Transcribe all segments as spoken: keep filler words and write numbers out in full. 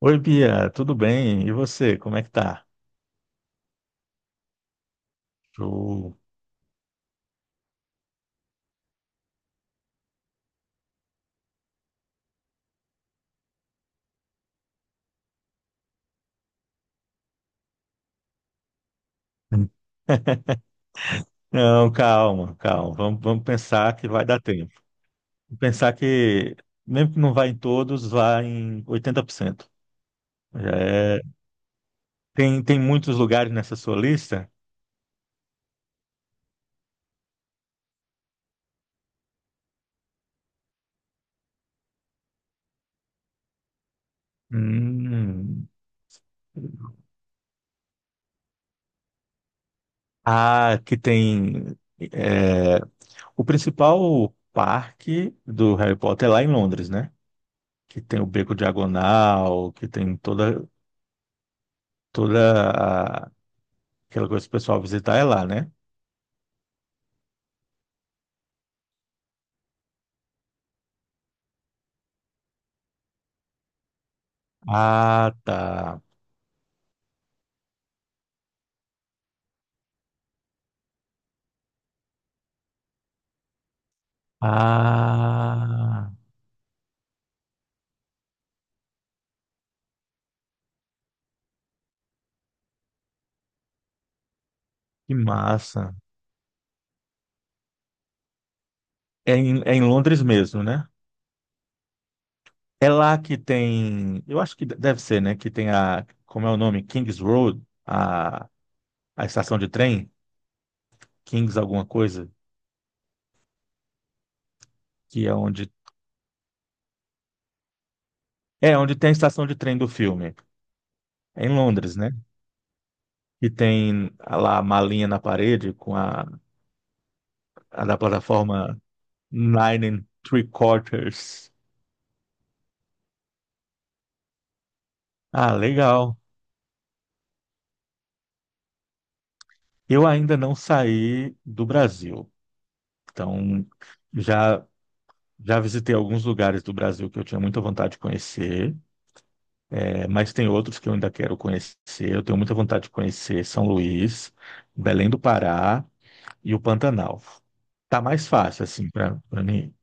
Oi, Bia, tudo bem? E você, como é que tá? Show. Não, calma, calma. Vamos, vamos pensar que vai dar tempo. Pensar que, mesmo que não vá em todos, vá em oitenta por cento. Já é. Tem, tem muitos lugares nessa sua lista? Hum. Ah, que tem. é, o principal parque do Harry Potter é lá em Londres, né? Que tem o Beco Diagonal, que tem toda, toda a- aquela coisa que o pessoal visitar é lá, né? Ah, tá. Ah, que massa. É em, é em Londres mesmo, né? É lá que tem, eu acho que deve ser, né? Que tem a, como é o nome? Kings Road, a, a estação de trem, Kings alguma coisa, que é onde, é onde tem a estação de trem do filme. É em Londres, né? E tem lá a malinha na parede com a, a da plataforma Nine and Three Quarters. Ah, legal. Eu ainda não saí do Brasil. Então, já já visitei alguns lugares do Brasil que eu tinha muita vontade de conhecer, eh, mas tem outros que eu ainda quero conhecer. Eu tenho muita vontade de conhecer São Luís, Belém do Pará e o Pantanal. Tá mais fácil assim para para mim.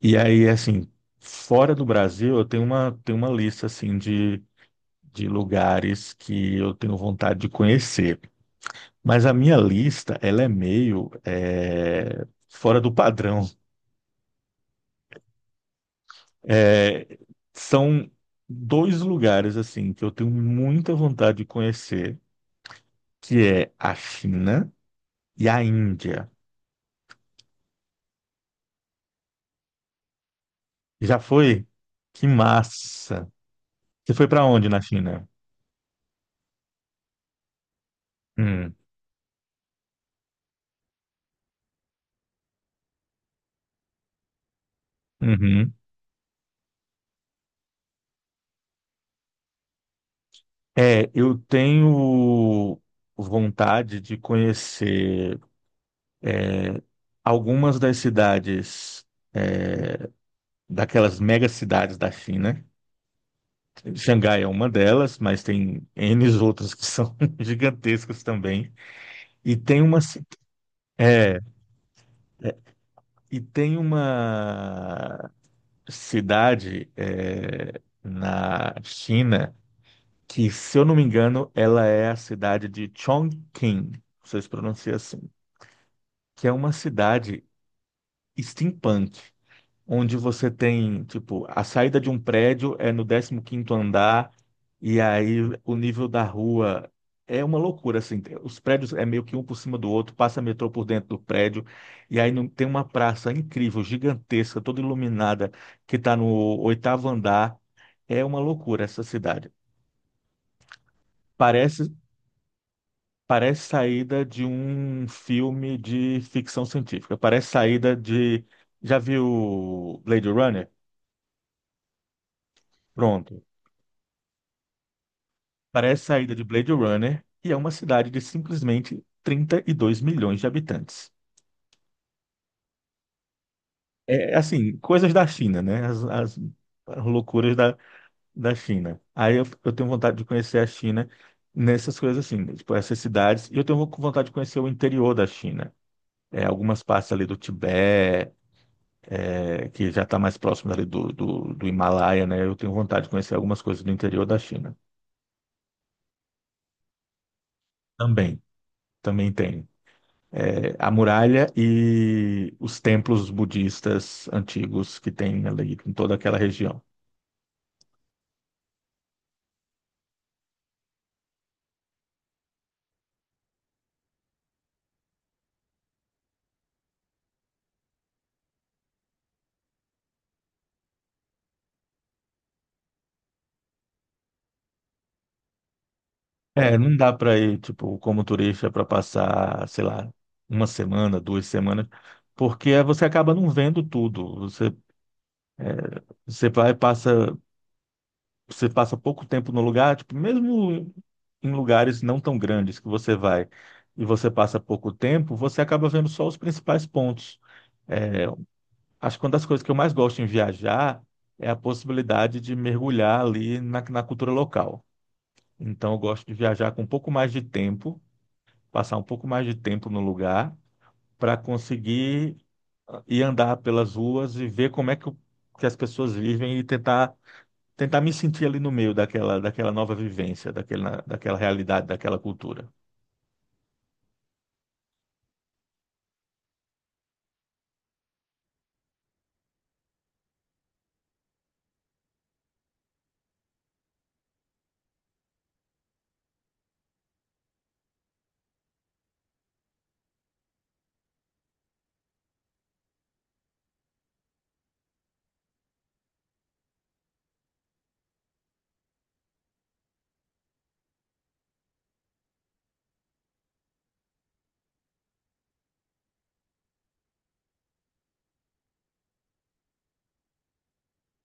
E aí, assim, fora do Brasil, eu tenho uma tenho uma lista assim de de lugares que eu tenho vontade de conhecer. Mas a minha lista, ela é meio eh, fora do padrão. É, são dois lugares assim que eu tenho muita vontade de conhecer, que é a China e a Índia. Já foi? Que massa! Você foi para onde na China? Hum, uhum. É, eu tenho vontade de conhecer algumas das cidades, daquelas mega cidades da China. Xangai é uma delas, mas tem N outras que são gigantescas também. E tem uma, ci- é, E tem uma cidade eh, na China que, se eu não me engano, ela é a cidade de Chongqing, não sei se pronuncia assim, que é uma cidade steampunk onde você tem, tipo, a saída de um prédio é no décimo quinto andar, e aí o nível da rua é uma loucura, assim, os prédios é meio que um por cima do outro, passa metrô por dentro do prédio, e aí não, tem uma praça incrível, gigantesca, toda iluminada, que está no oitavo andar, é uma loucura essa cidade. Parece, parece saída de um filme de ficção científica, parece saída de... Já viu Blade Runner? Pronto. Parece saída de Blade Runner e é uma cidade de simplesmente trinta e dois milhões de habitantes. É assim, coisas da China, né? As, as loucuras da, da China. Aí eu, eu tenho vontade de conhecer a China nessas coisas assim, né? Tipo essas cidades. E eu tenho vontade de conhecer o interior da China. É, algumas partes ali do Tibete, é, que já está mais próximo ali do, do, do Himalaia, né? Eu tenho vontade de conhecer algumas coisas do interior da China. Também, também tem é, a muralha e os templos budistas antigos que tem ali em toda aquela região. É, não dá para ir, tipo, como turista para passar, sei lá, uma semana, duas semanas, porque você acaba não vendo tudo. Você, você vai, passa você passa pouco tempo no lugar, tipo, mesmo em lugares não tão grandes que você vai e você passa pouco tempo, você acaba vendo só os principais pontos. É, acho que uma das coisas que eu mais gosto em viajar é a possibilidade de mergulhar ali na, na cultura local. Então, eu gosto de viajar com um pouco mais de tempo, passar um pouco mais de tempo no lugar, para conseguir ah, ir andar pelas ruas e ver como é que, o- que as pessoas vivem e tentar tentar me sentir ali no meio daquela, daquela nova vivência, daquela, daquela realidade, daquela cultura.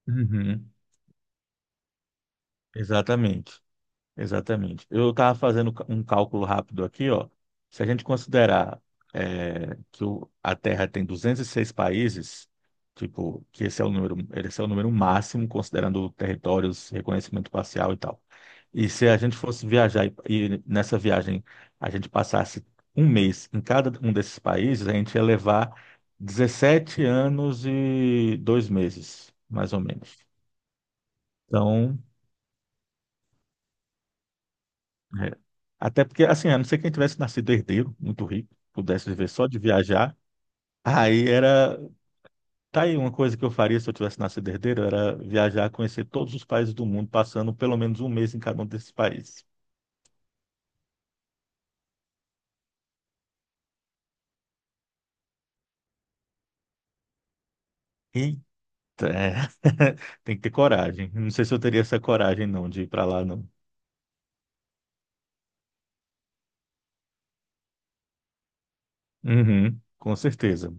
Uhum, exatamente. Exatamente. Eu estava fazendo ca- um cálculo rápido aqui, ó. Se a gente considerar é, que o- a Terra tem duzentos e seis países, tipo, que esse é o número, esse é o número máximo, considerando territórios, reconhecimento parcial e tal. E se a gente fosse viajar e, e nessa viagem a gente passasse um mês em cada um desses países, a gente ia levar dezessete anos e dois meses, mais ou menos. Então. É. Até porque, assim, a não ser quem tivesse nascido herdeiro, muito rico, pudesse viver só de viajar, aí era. Tá aí uma coisa que eu faria se eu tivesse nascido herdeiro, era viajar, conhecer todos os países do mundo, passando pelo menos um mês em cada um desses países. Eita, é. Tem que ter coragem. Não sei se eu teria essa coragem, não, de ir para lá, não. Uhum, com certeza.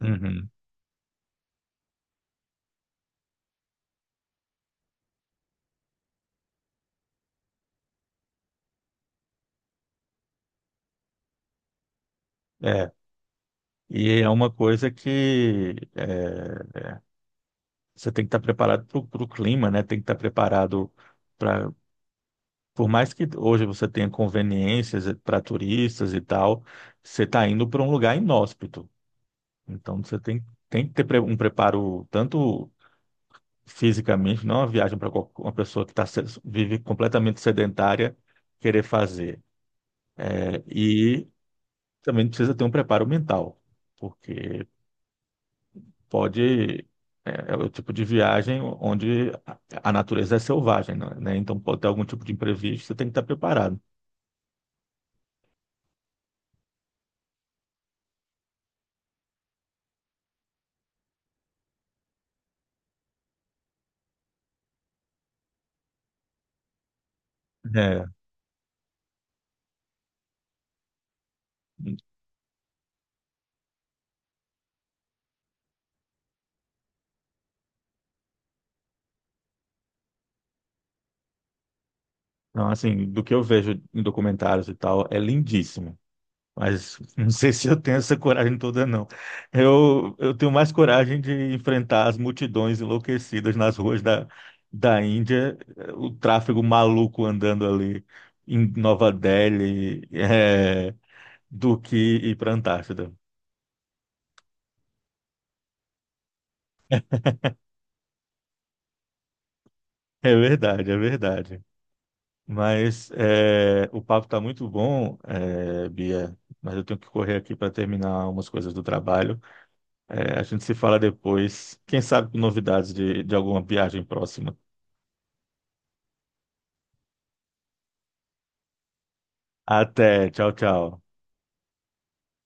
Uhum. É. E é uma coisa que é, você tem que estar preparado para o clima, né? Tem que estar preparado. Por mais que hoje você tenha conveniências para turistas e tal, você está indo para um lugar inóspito. Então você tem, tem que ter pre- um preparo tanto fisicamente, não é uma viagem para uma pessoa que tá, se- vive completamente sedentária querer fazer. É, e também precisa ter um preparo mental, porque pode. É, é o tipo de viagem onde a a natureza é selvagem, né? Então pode ter algum tipo de imprevisto, você tem que estar preparado. É. Não, assim, do que eu vejo em documentários e tal, é lindíssimo. Mas não sei se eu tenho essa coragem toda, não. Eu, eu tenho mais coragem de enfrentar as multidões enlouquecidas nas ruas da, da Índia, eh, o tráfego maluco andando ali em Nova Delhi, é, do que ir para a Antártida. É verdade, é verdade. Mas é, o papo está muito bom, é, Bia, mas eu tenho que correr aqui para terminar umas coisas do trabalho. É, a gente se fala depois. Quem sabe com novidades de, de alguma viagem próxima. Até, tchau, tchau.